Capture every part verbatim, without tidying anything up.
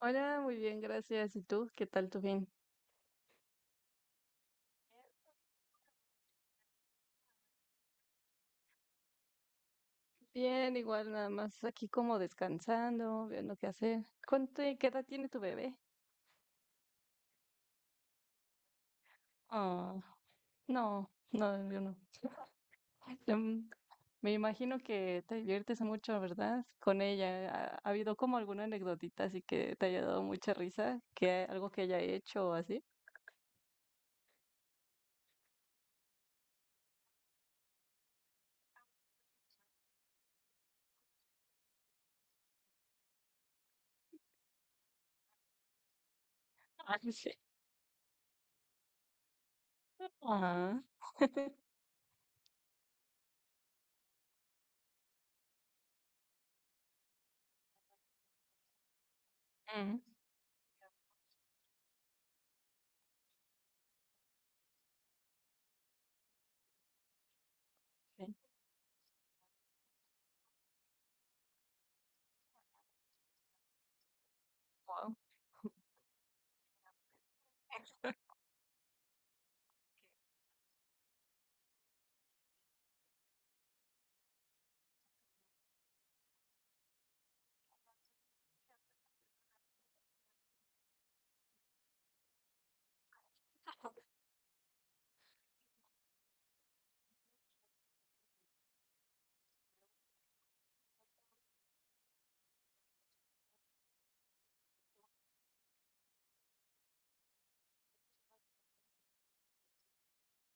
Hola, muy bien, gracias. ¿Y tú? ¿Qué tal tu fin? Bien, igual nada más aquí como descansando, viendo qué hacer. ¿Cuánto, qué edad tiene tu bebé? Ah, no, no, yo no. Em, Me imagino que te diviertes mucho, ¿verdad? Con ella. ¿Ha, ha habido como alguna anécdotita así que te haya dado mucha risa? ¿Que algo que haya hecho o así? Ah, sí. Ajá. Mm, sí. Wow.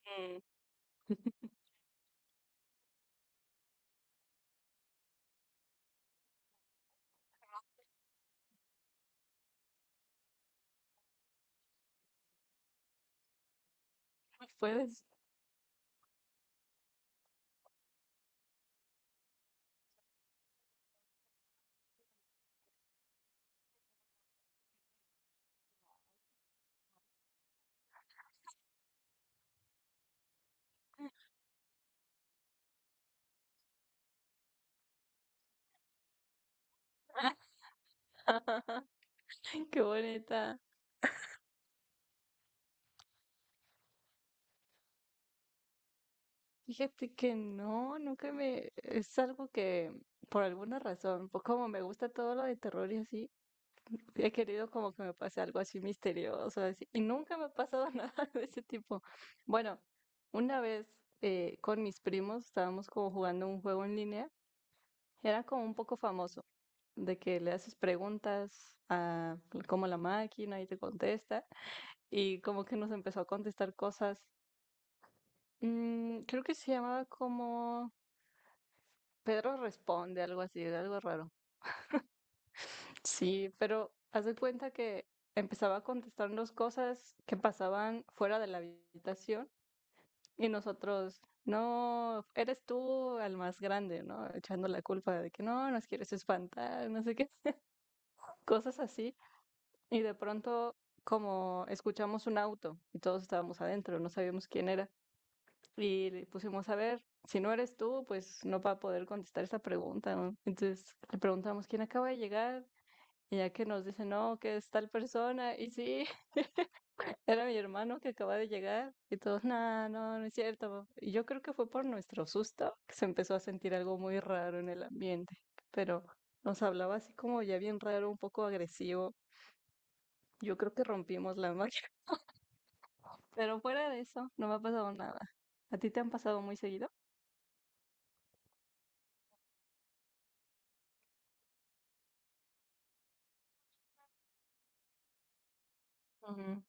Mm, pues puedes. Qué bonita. Fíjate que no, nunca me... Es algo que, por alguna razón, pues como me gusta todo lo de terror y así, he querido como que me pase algo así misterioso, así, y nunca me ha pasado nada de ese tipo. Bueno, una vez eh, con mis primos estábamos como jugando un juego en línea, era como un poco famoso, de que le haces preguntas a como la máquina y te contesta, y como que nos empezó a contestar cosas. Mm, creo que se llamaba como... Pedro responde, algo así, de algo raro. Sí, pero haz de cuenta que empezaba a contestarnos cosas que pasaban fuera de la habitación y nosotros, no, eres tú el más grande, ¿no? Echando la culpa de que no, nos quieres espantar, no sé qué, cosas así. Y de pronto, como escuchamos un auto y todos estábamos adentro, no sabíamos quién era. Y le pusimos a ver, si no eres tú, pues no va a poder contestar esa pregunta, ¿no? Entonces le preguntamos quién acaba de llegar. Y ya que nos dice, no, que es tal persona, y sí, era mi hermano que acaba de llegar, y todos, no, no, no es cierto. Y yo creo que fue por nuestro susto que se empezó a sentir algo muy raro en el ambiente, pero nos hablaba así como ya bien raro, un poco agresivo. Yo creo que rompimos la magia, pero fuera de eso, no me ha pasado nada. ¿A ti te han pasado muy seguido? Ujú.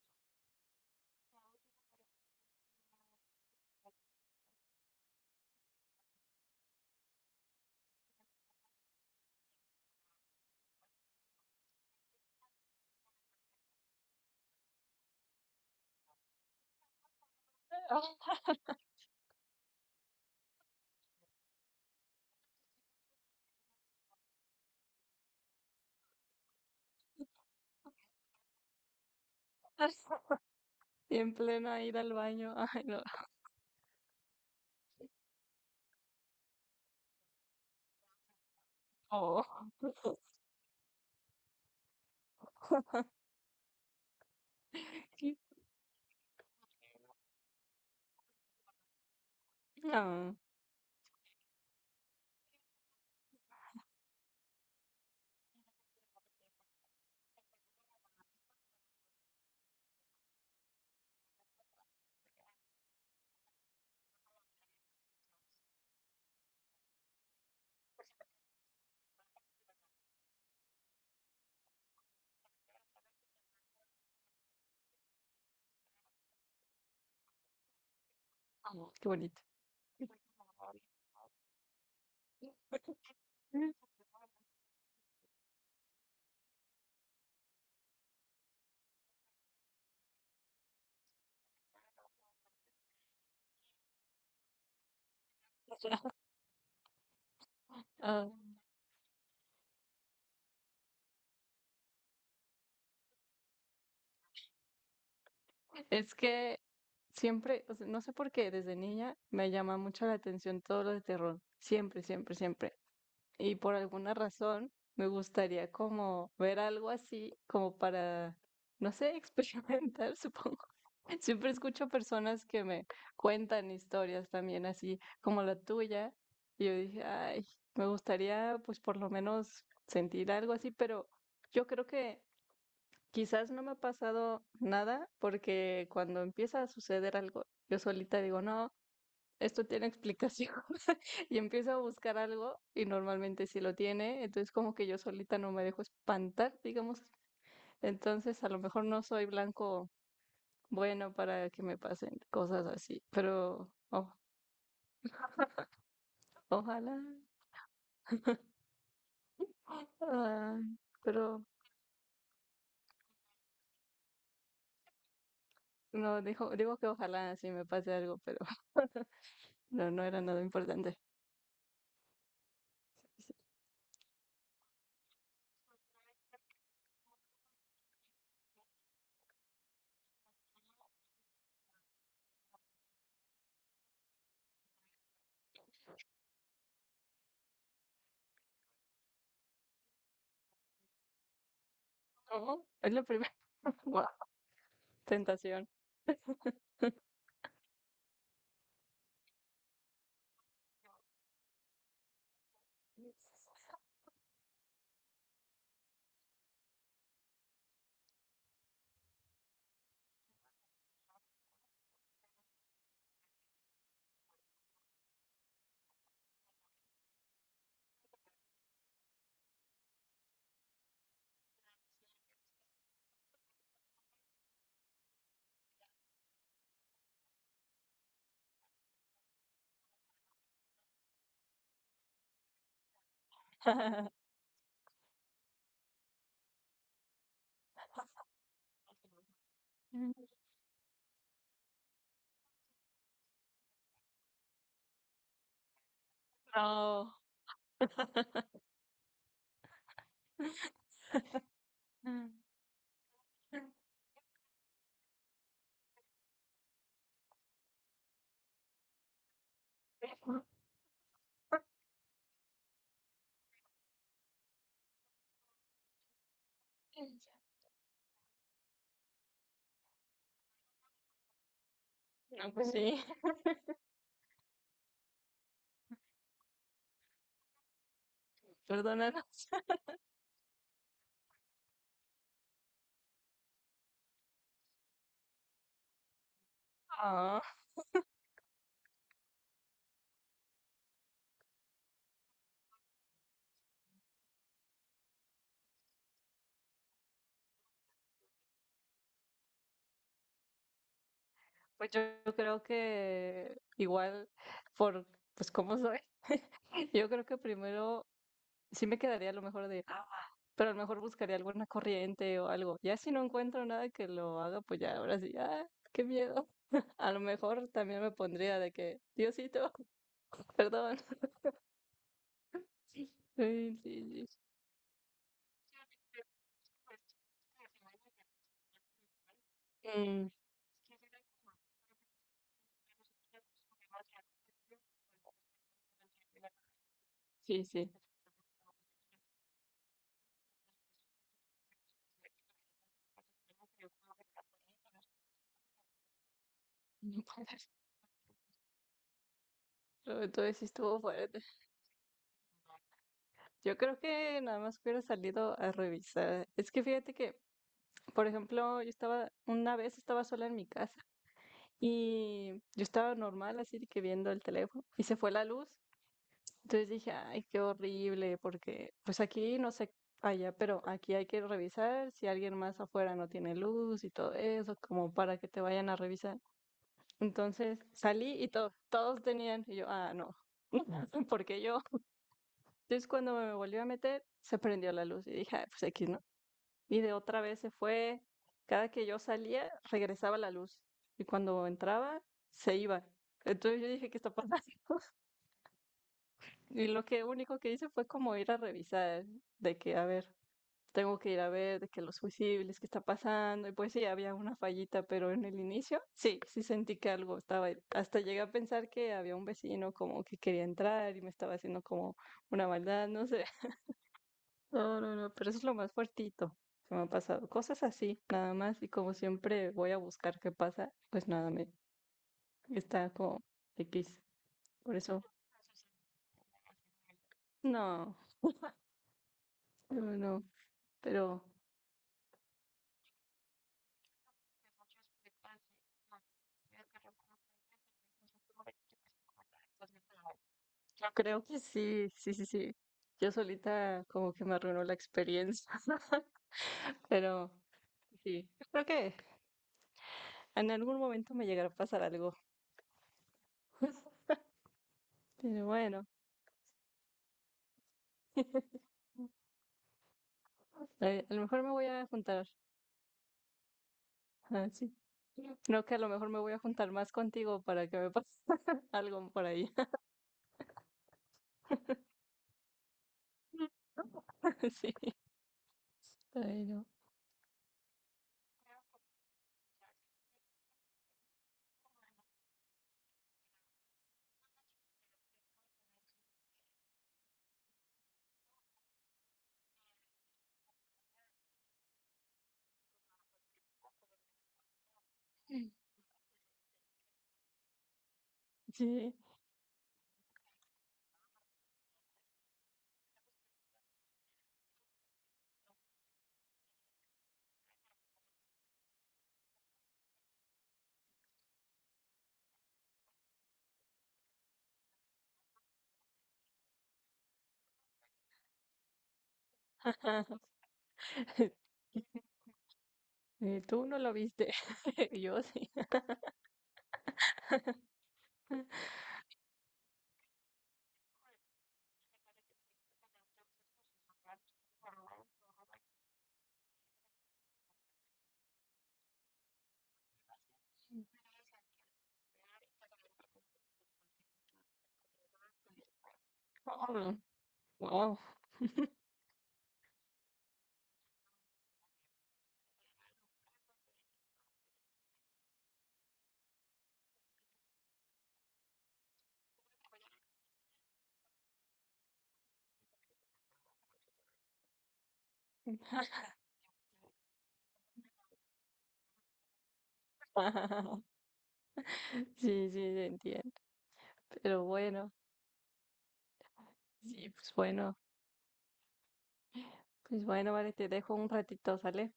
Y en plena ir al baño, ay, no. Oh. Ah, qué bonito. Es que siempre, o sea, no sé por qué, desde niña me llama mucho la atención todo lo de terror. Siempre, siempre, siempre. Y por alguna razón me gustaría como ver algo así, como para, no sé, experimentar, supongo. Siempre escucho personas que me cuentan historias también así como la tuya. Y yo dije, ay, me gustaría pues por lo menos sentir algo así, pero yo creo que quizás no me ha pasado nada porque cuando empieza a suceder algo, yo solita digo, no, esto tiene explicación y empiezo a buscar algo y normalmente sí lo tiene, entonces como que yo solita no me dejo espantar, digamos, entonces a lo mejor no soy blanco bueno para que me pasen cosas así, pero o- ojalá, ah, pero no, dijo, digo que ojalá sí me pase algo, pero no, no era nada importante. No, es la primera, guau, tentación. Mm, no. Mm. No, pues sí, perdónanos. Ah, pues yo yo creo que igual por pues cómo soy, yo creo que primero sí me quedaría a lo mejor de, "Ah", pero a lo mejor buscaría alguna corriente o algo. Ya si no encuentro nada que lo haga, pues ya ahora sí, ah, qué miedo. A lo mejor también me pondría de que, Diosito, perdón. Sí, sí, sí. Mm, sí, sí. Entonces sí estuvo fuerte. Yo creo que nada más hubiera salido a revisar. Es que fíjate que, por ejemplo, yo estaba, una vez estaba sola en mi casa y yo estaba normal así de que viendo el teléfono y se fue la luz. Entonces dije, ay, qué horrible, porque pues aquí no sé allá, pero aquí hay que revisar si alguien más afuera no tiene luz y todo eso, como para que te vayan a revisar. Entonces salí y to- todos tenían, y yo, ah, no, ¿porque yo? Entonces cuando me volví a meter, se prendió la luz y dije, "Ah, pues aquí no", y de otra vez se fue. Cada que yo salía, regresaba la luz y cuando entraba, se iba. Entonces yo dije, ¿qué está pasando? Y lo que único que hice fue como ir a revisar, de que, a ver, tengo que ir a ver, de que los fusibles, qué está pasando. Y pues sí, había una fallita, pero en el inicio, sí, sí sentí que algo estaba ahí. Hasta llegué a pensar que había un vecino como que quería entrar y me estaba haciendo como una maldad, no sé. No, no, no, pero eso es lo más fuertito que me ha pasado. Cosas así, nada más. Y como siempre voy a buscar qué pasa, pues nada, me está como X. Por eso, no, no, no. Pero yo creo que sí, sí, sí, sí. Yo solita como que me arruinó la experiencia. Pero sí, yo creo que en algún momento me llegará a pasar algo. Pero bueno, a a lo mejor me voy a juntar. Ah, sí. Creo que a lo mejor me voy a juntar más contigo para que me pase algo por ahí. Sí, pero sí. Eh, tú no lo viste, yo sí. Oh, wow. Sí, sí, te entiendo. Pero bueno, sí, pues bueno, pues bueno, vale, te dejo un ratito, ¿sale?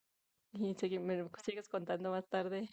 Y segui- me sigues contando más tarde.